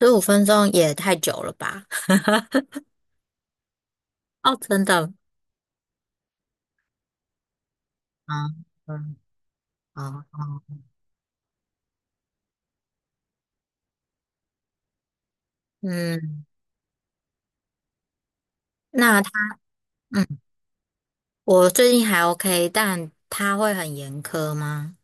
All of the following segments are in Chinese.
15分钟也太久了吧？哦，真的。嗯嗯。哦哦。嗯。那他，嗯，我最近还 OK，但他会很严苛吗？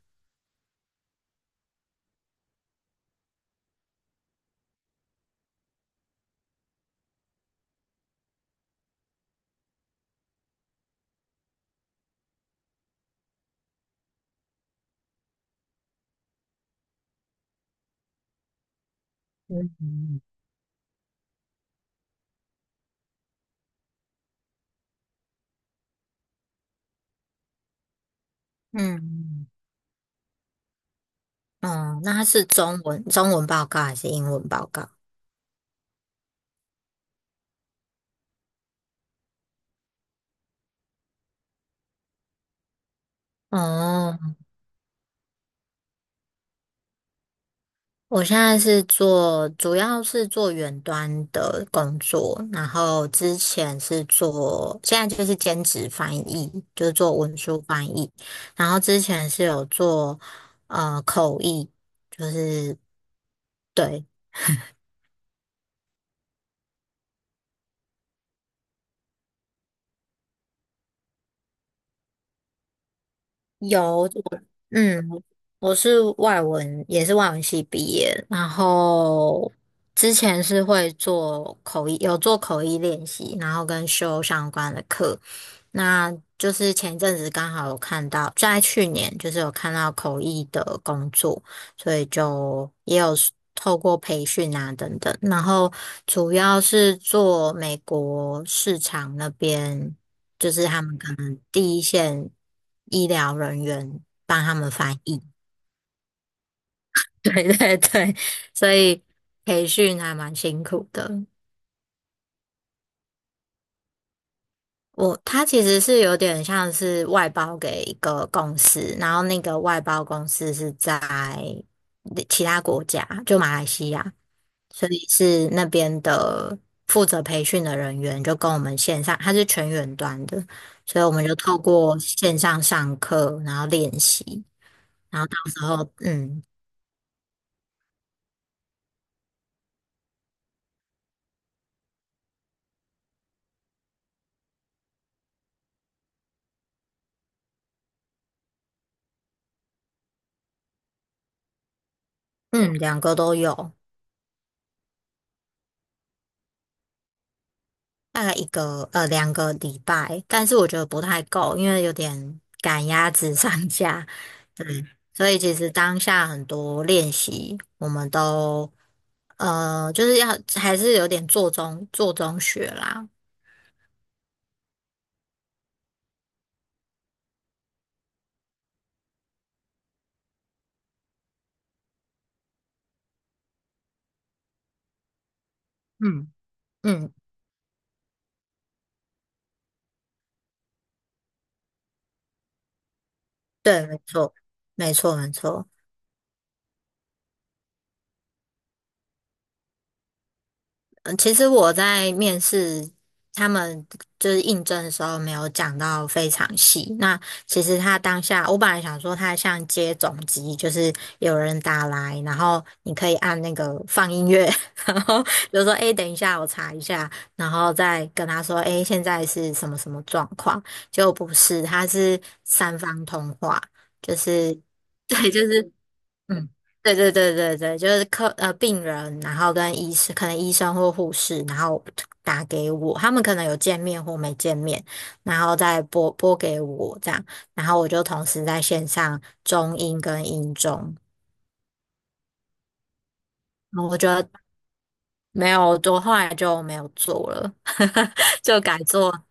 嗯嗯嗯。嗯。哦，那他是中文报告还是英文报告？哦，我现在是做，主要是做远端的工作，然后之前是做，现在就是兼职翻译，就是做文书翻译，然后之前是有做口译，就是对。有。嗯，我是外文，也是外文系毕业，然后之前是会做口译，有做口译练习，然后跟修相关的课。那就是前一阵子刚好有看到，在去年就是有看到口译的工作，所以就也有 透过培训啊等等，然后主要是做美国市场那边，就是他们可能第一线医疗人员帮他们翻译。对对对，所以培训还蛮辛苦的。他其实是有点像是外包给一个公司，然后那个外包公司是在其他国家，就马来西亚，所以是那边的负责培训的人员就跟我们线上，他是全远端的，所以我们就透过线上上课，然后练习，然后到时候嗯嗯两个都有。大概2个礼拜，但是我觉得不太够，因为有点赶鸭子上架。所以其实当下很多练习，我们都就是要还是有点做中学啦。嗯。嗯，对，没错，没错，没错。嗯，其实我在面试他们就是应征的时候，没有讲到非常细。那其实他当下，我本来想说他像接总机，就是有人打来，然后你可以按那个放音乐。然后比如说：“诶，等一下，我查一下。”然后再跟他说：“诶，现在是什么什么状况？”结果不是，他是三方通话。就是 对，就是嗯，对对对对对，就是病人，然后跟医生，可能医生或护士，然后打给我，他们可能有见面或没见面，然后再拨给我这样，然后我就同时在线上中英跟英中。然后我觉得没有，我后来就没有做了。就改做。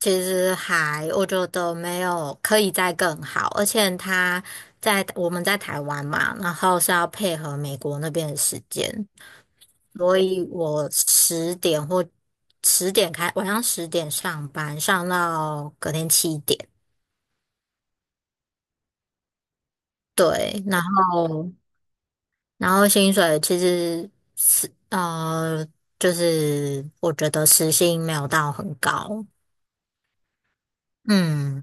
其实我觉得没有可以再更好，而且在我们在台湾嘛，然后是要配合美国那边的时间，所以我十点或十点开，晚上十点上班，上到隔天7点。对，然后薪水其实是呃，就是我觉得时薪没有到很高。嗯。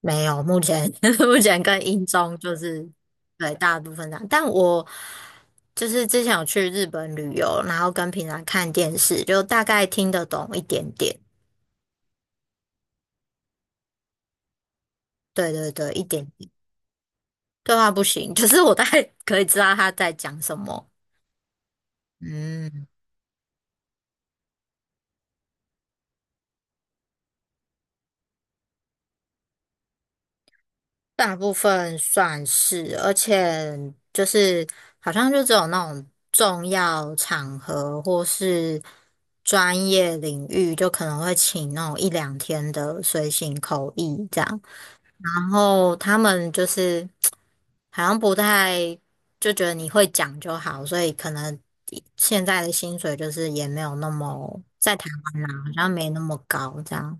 没有，目前 目前跟英中就是对大部分这样，但我就是之前有去日本旅游，然后跟平常看电视，就大概听得懂一点点。对对对，一点点。对话不行，可是我大概可以知道他在讲什么。嗯，大部分算是，而且就是好像就只有那种重要场合或是专业领域，就可能会请那种一两天的随行口译这样。然后他们就是好像不太就觉得你会讲就好，所以可能现在的薪水就是也没有那么在台湾啦，好像没那么高这样。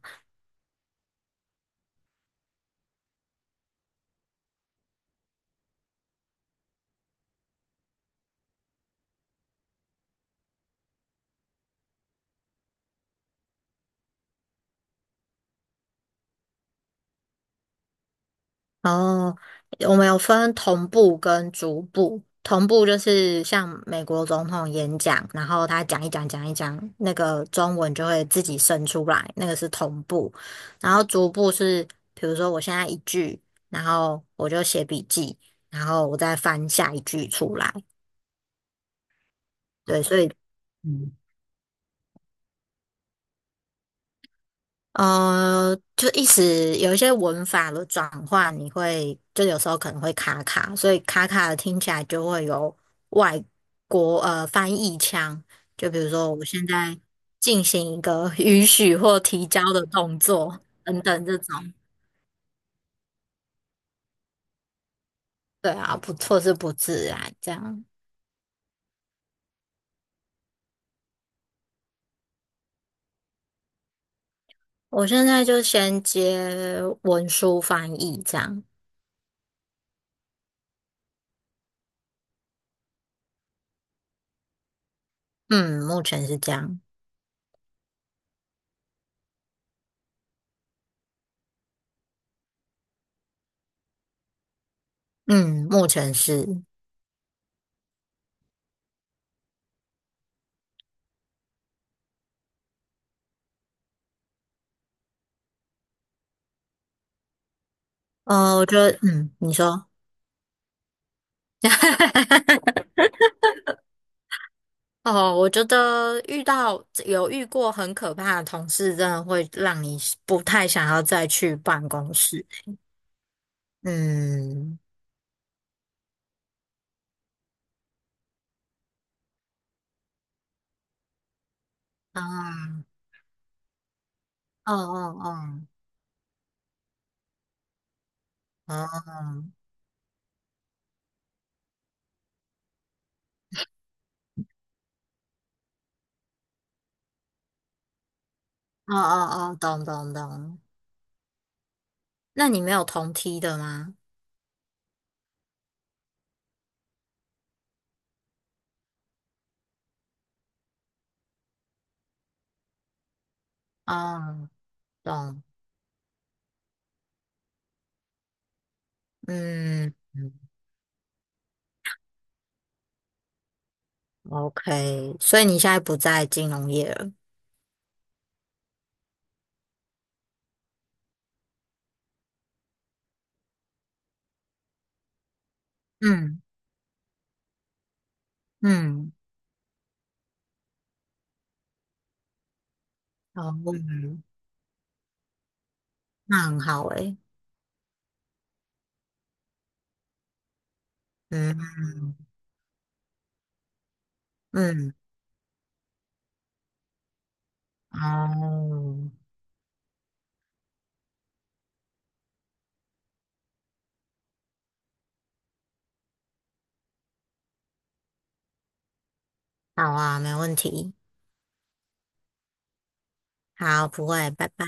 哦，我们有分同步跟逐步。同步就是像美国总统演讲，然后他讲一讲讲一讲，那个中文就会自己生出来，那个是同步。然后逐步是，比如说我现在一句，然后我就写笔记，然后我再翻下一句出来。对，所以就意思有一些文法的转换，你会就有时候可能会卡卡，所以卡卡的听起来就会有外国翻译腔。就比如说，我现在进行一个 允许或提交的动作等等这种。对啊，不错是不自然这样。我现在就先接文书翻译这样。嗯，目前是这样。嗯，目前是，我觉得，嗯，你说。哦，我觉得有遇过很可怕的同事，真的会让你不太想要再去办公室。嗯。啊。哦哦哦。哦哦哦哦。懂懂懂。那你没有同梯的吗？哦，懂。嗯嗯。OK。所以你现在不在金融业了。嗯嗯。哦。嗯那很好诶。嗯嗯。哦。好啊，没问题。好，不会，拜拜。